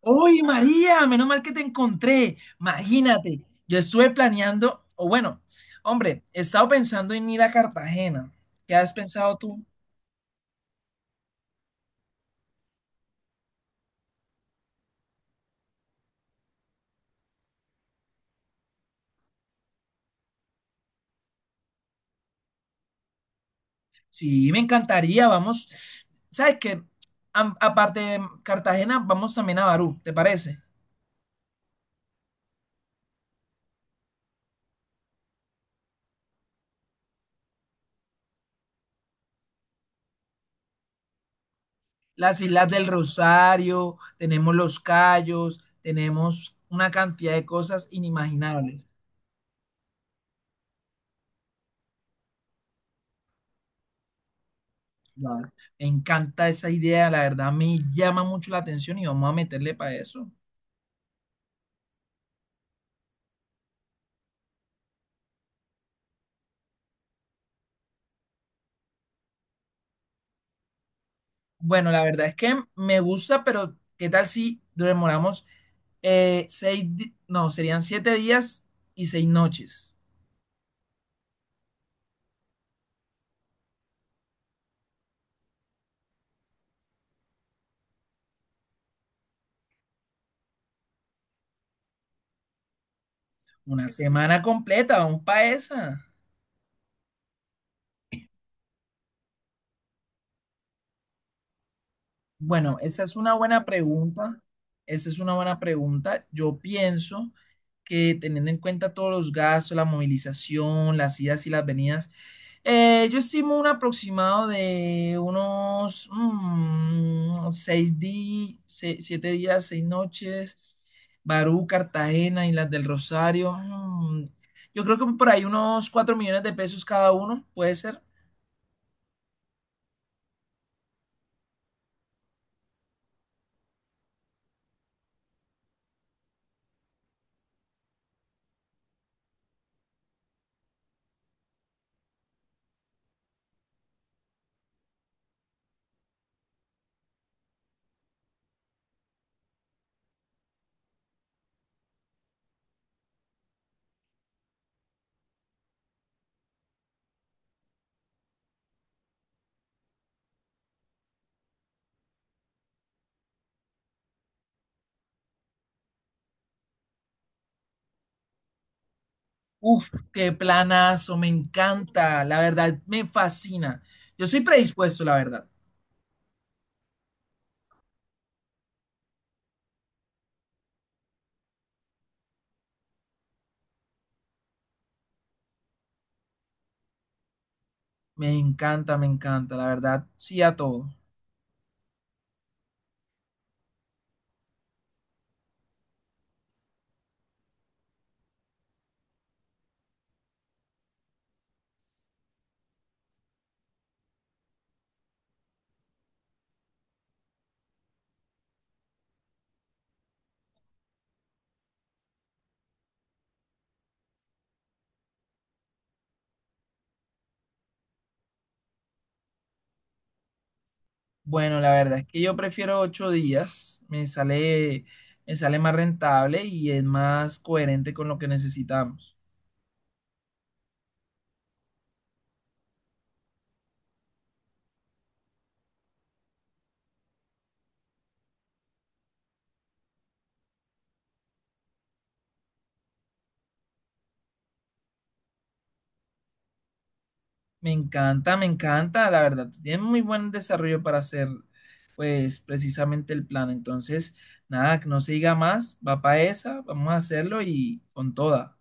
¡Uy, María! Menos mal que te encontré. Imagínate, yo estuve planeando, o bueno, hombre, he estado pensando en ir a Cartagena. ¿Qué has pensado tú? Sí, me encantaría, vamos. ¿Sabes qué? Aparte de Cartagena, vamos también a Barú, ¿te parece? Las Islas del Rosario, tenemos los Cayos, tenemos una cantidad de cosas inimaginables. Claro. Me encanta esa idea, la verdad me llama mucho la atención y vamos a meterle para eso. Bueno, la verdad es que me gusta, pero ¿qué tal si demoramos seis, no, serían 7 días y 6 noches? Una semana completa, vamos para esa. Bueno, esa es una buena pregunta. Esa es una buena pregunta. Yo pienso que teniendo en cuenta todos los gastos, la movilización, las idas y las venidas, yo estimo un aproximado de unos 6 días, 7 días, 6 noches, Barú, Cartagena, Islas del Rosario. Yo creo que por ahí unos 4 millones de pesos cada uno, puede ser. Uf, qué planazo, me encanta, la verdad, me fascina. Yo soy predispuesto, la verdad. Me encanta, la verdad, sí a todo. Bueno, la verdad es que yo prefiero 8 días, me sale más rentable y es más coherente con lo que necesitamos. Me encanta, la verdad. Tiene muy buen desarrollo para hacer, pues, precisamente el plan. Entonces, nada, que no se diga más, va para esa, vamos a hacerlo y con toda.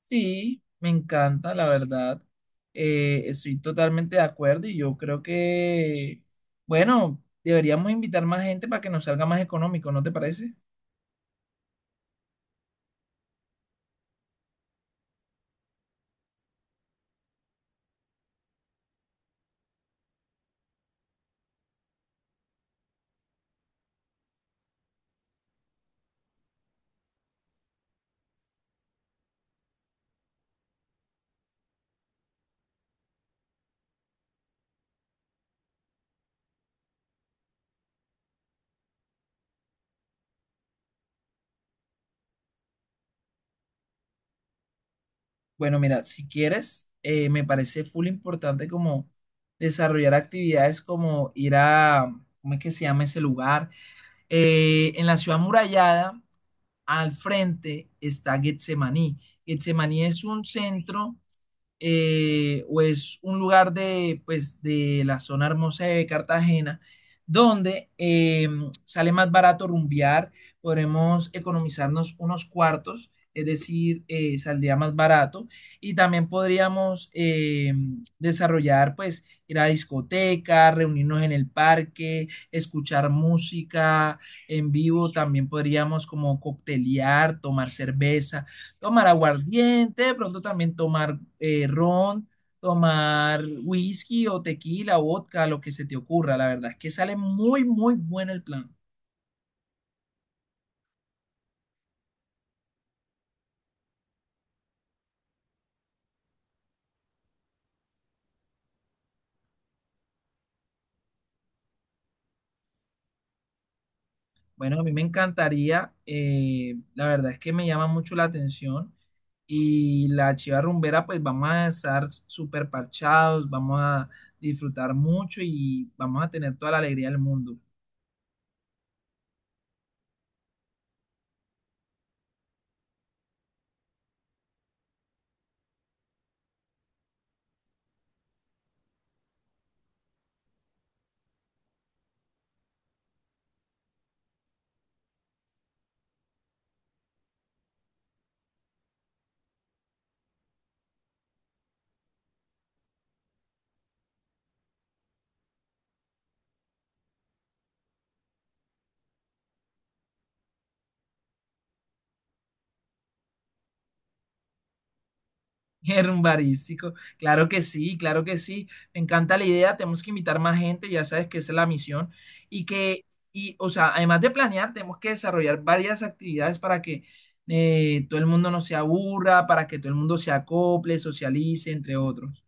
Sí, me encanta, la verdad. Estoy totalmente de acuerdo y yo creo que, bueno, deberíamos invitar más gente para que nos salga más económico, ¿no te parece? Bueno, mira, si quieres, me parece full importante como desarrollar actividades como ir a, ¿cómo es que se llama ese lugar? En la ciudad murallada, al frente está Getsemaní. Getsemaní es un centro o es un lugar de, pues, de la zona hermosa de Cartagena, donde sale más barato rumbear, podremos economizarnos unos cuartos, es decir, saldría más barato, y también podríamos desarrollar, pues, ir a discotecas, reunirnos en el parque, escuchar música en vivo, también podríamos como coctelear, tomar cerveza tomar aguardiente, de pronto también tomar ron, tomar whisky o tequila, vodka, lo que se te ocurra. La verdad es que sale muy, muy bueno el plan. Bueno, a mí me encantaría, la verdad es que me llama mucho la atención y la chiva rumbera, pues vamos a estar súper parchados, vamos a disfrutar mucho y vamos a tener toda la alegría del mundo. Herbarístico, claro que sí, claro que sí. Me encanta la idea, tenemos que invitar más gente, ya sabes que esa es la misión. Y que, y, o sea, además de planear, tenemos que desarrollar varias actividades para que todo el mundo no se aburra, para que todo el mundo se acople, socialice, entre otros.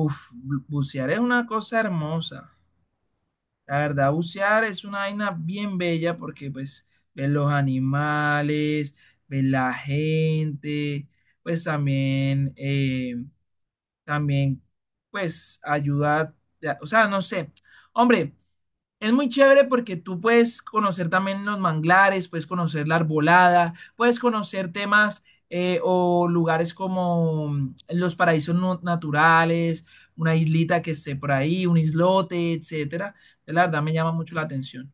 Uf, bucear es una cosa hermosa. La verdad, bucear es una vaina bien bella porque pues ves los animales, ves la gente, pues también, también, pues, ayuda, ya, o sea, no sé. Hombre, es muy chévere porque tú puedes conocer también los manglares, puedes conocer la arbolada, puedes conocer temas o lugares como los paraísos naturales, una islita que esté por ahí, un islote, etcétera. La verdad me llama mucho la atención.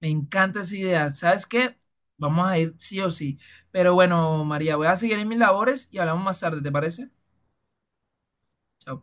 Me encanta esa idea. ¿Sabes qué? Vamos a ir sí o sí. Pero bueno, María, voy a seguir en mis labores y hablamos más tarde, ¿te parece? Chao.